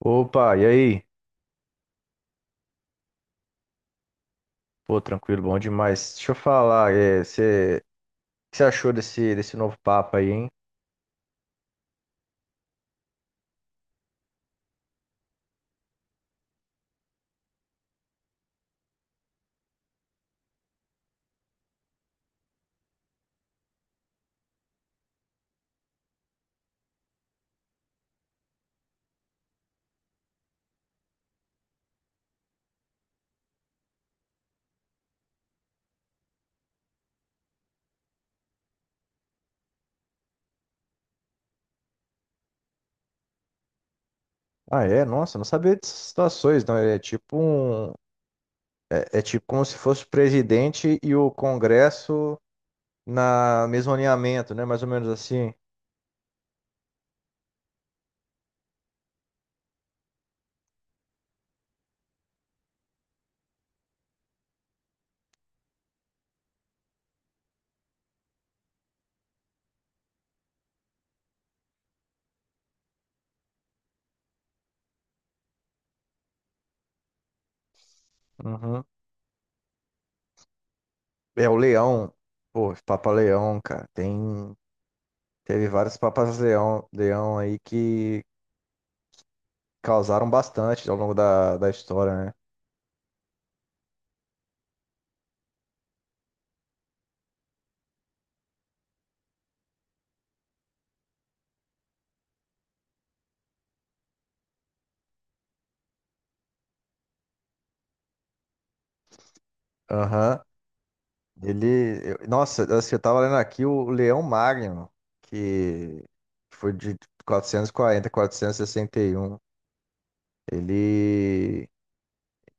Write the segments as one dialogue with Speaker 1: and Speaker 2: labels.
Speaker 1: Opa, e aí? Pô, tranquilo, bom demais. Deixa eu falar, você, o que você achou desse novo Papa aí, hein? Ah, é? Nossa, não sabia dessas situações, não. Ele é tipo um, é tipo como se fosse o presidente e o Congresso na mesmo alinhamento, né? Mais ou menos assim. Uhum. É o Leão, pô, Papa Leão, cara. Teve vários Papas Leão, Leão aí que causaram bastante ao longo da história, né? Aham. Ele, nossa, assim, eu tava lendo aqui o Leão Magno, que foi de 440 a 461. Ele,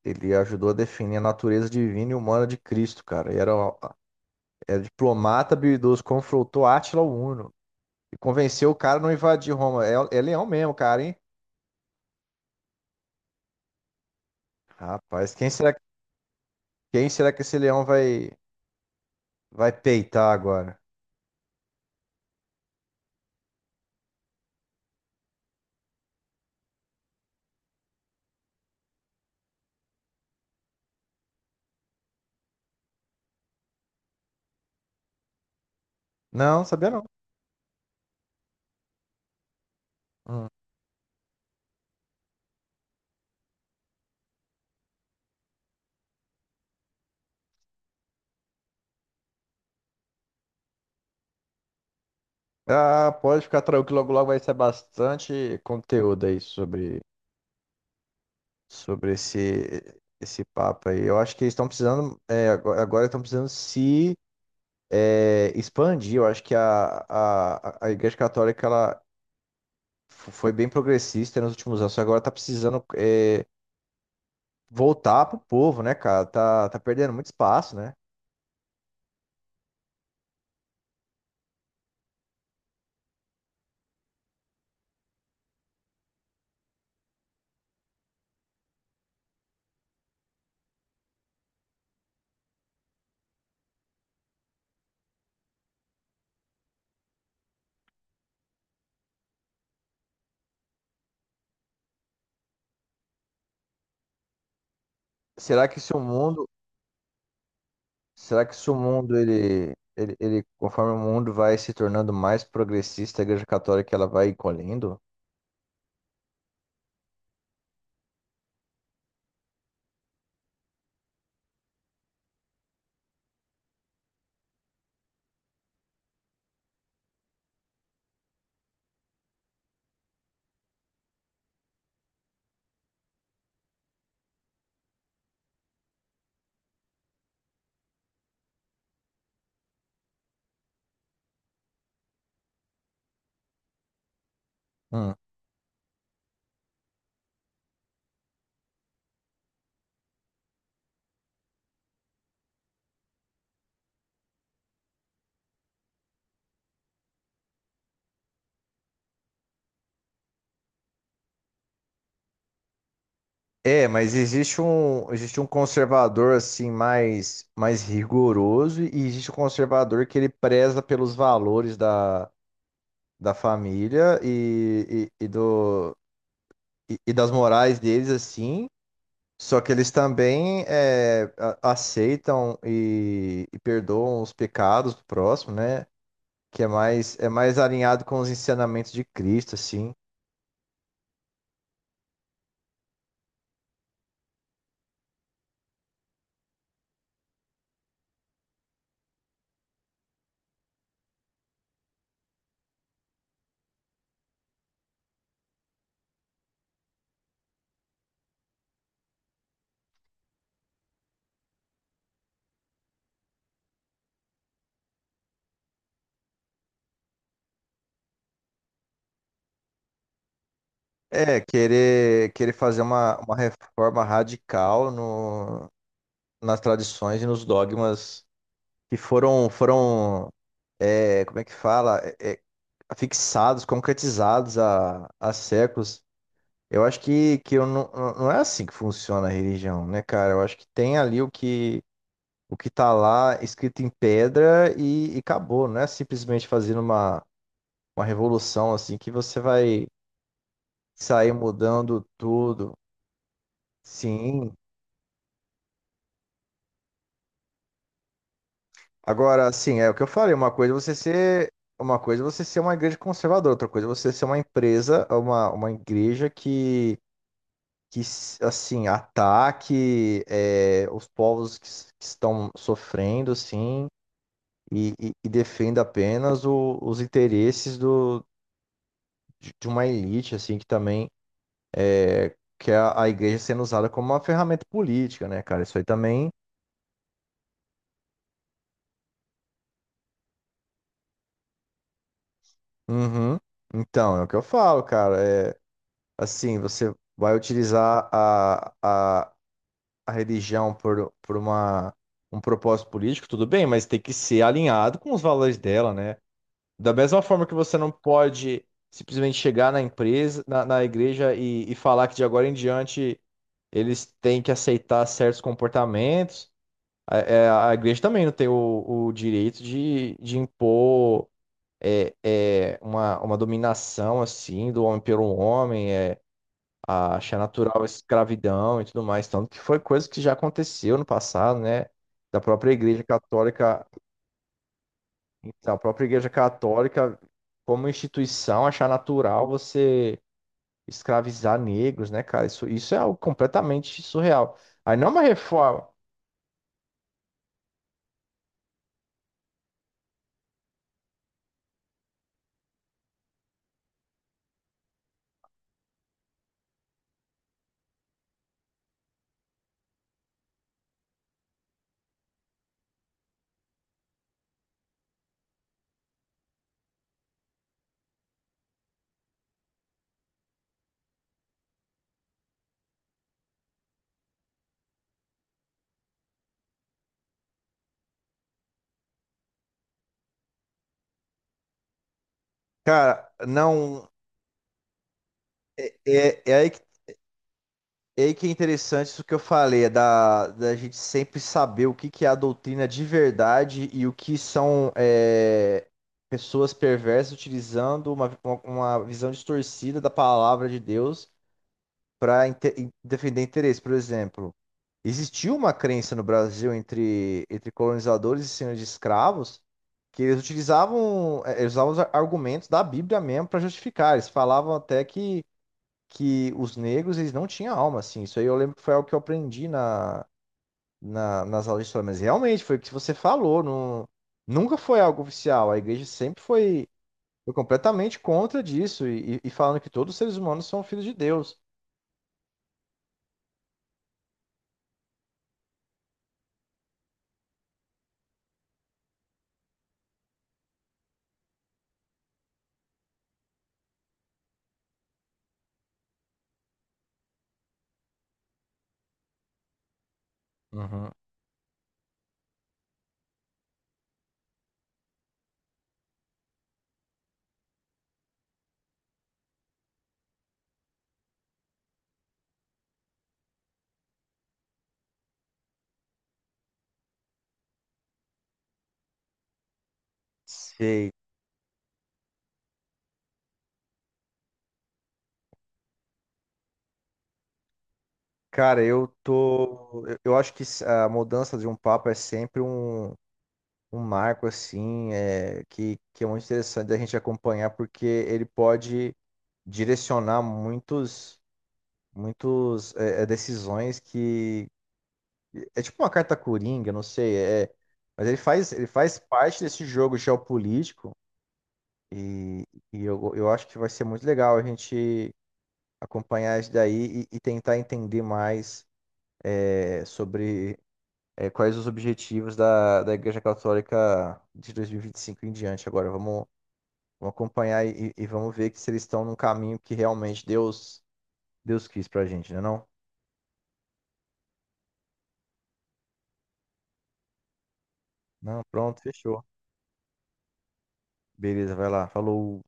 Speaker 1: ele ajudou a definir a natureza divina e humana de Cristo, cara. E era, era diplomata habilidoso, confrontou Átila o Uno e convenceu o cara a não invadir Roma. É, é leão mesmo, cara, hein? Rapaz, quem será que esse leão vai peitar agora? Não, sabia não. Hum. Ah, pode ficar tranquilo, que logo logo vai ser bastante conteúdo aí sobre esse papo aí. Eu acho que eles estão precisando, agora estão precisando se expandir. Eu acho que a Igreja Católica ela foi bem progressista nos últimos anos, só agora tá precisando voltar pro povo, né, cara? Tá, tá perdendo muito espaço, né? Será que se o mundo, Será que se o mundo conforme o mundo vai se tornando mais progressista, a Igreja Católica ela vai encolhendo? Hum. É, mas existe um conservador assim mais mais rigoroso e existe um conservador que ele preza pelos valores da família e do e das morais deles assim. Só que eles também aceitam e perdoam os pecados do próximo, né? Que é mais alinhado com os ensinamentos de Cristo, assim. É, querer fazer uma reforma radical no, nas tradições e nos dogmas que foram é, como é que fala É, é, fixados, concretizados há séculos. Eu acho que eu não é assim que funciona a religião, né, cara? Eu acho que tem ali o que tá lá escrito em pedra e acabou. Não é simplesmente fazendo uma revolução assim que você vai sair mudando tudo. Sim. Agora, assim, é o que eu falei, uma coisa é você ser uma igreja conservadora, outra coisa é você ser uma empresa, uma igreja que assim, ataque os povos que, que estão sofrendo, assim, e defenda apenas os interesses de uma elite, assim, que também que é a igreja sendo usada como uma ferramenta política, né, cara? Isso aí também. Uhum. Então, é o que eu falo, cara. É assim, você vai utilizar a religião por uma, um propósito político, tudo bem, mas tem que ser alinhado com os valores dela, né? Da mesma forma que você não pode simplesmente chegar na empresa, na igreja e falar que de agora em diante eles têm que aceitar certos comportamentos. A igreja também não tem o direito de impor uma dominação assim do homem pelo homem, achar natural a escravidão e tudo mais, tanto que foi coisa que já aconteceu no passado, né? Da própria Igreja Católica, então, a própria Igreja Católica como instituição achar natural você escravizar negros, né, cara? Isso é algo completamente surreal. Aí não é uma reforma, cara, não é, é é aí que e aí que é interessante isso que eu falei, é da gente sempre saber que é a doutrina de verdade e o que são pessoas perversas utilizando uma visão distorcida da palavra de Deus para defender interesse. Por exemplo, existiu uma crença no Brasil entre colonizadores e senhores de escravos que eles utilizavam, eles usavam os argumentos da Bíblia mesmo para justificar. Eles falavam até que os negros, eles não tinham alma, assim. Isso aí eu lembro que foi algo que eu aprendi nas aulas de história, mas realmente foi o que você falou, não, nunca foi algo oficial. A igreja sempre foi completamente contra disso e falando que todos os seres humanos são filhos de Deus. Uhum. Sei. Cara, eu tô. Eu acho que a mudança de um papa é sempre um, um marco, assim, que é muito interessante da gente acompanhar, porque ele pode direcionar muitos. Muitos decisões que é tipo uma carta coringa, não sei, é, mas ele faz parte desse jogo geopolítico e, e eu acho que vai ser muito legal a gente acompanhar isso daí e tentar entender mais sobre quais os objetivos da Igreja Católica de 2025 em diante. Agora vamos acompanhar e vamos ver que se eles estão num caminho que realmente Deus quis pra gente, né não? Não, pronto, fechou. Beleza, vai lá. Falou.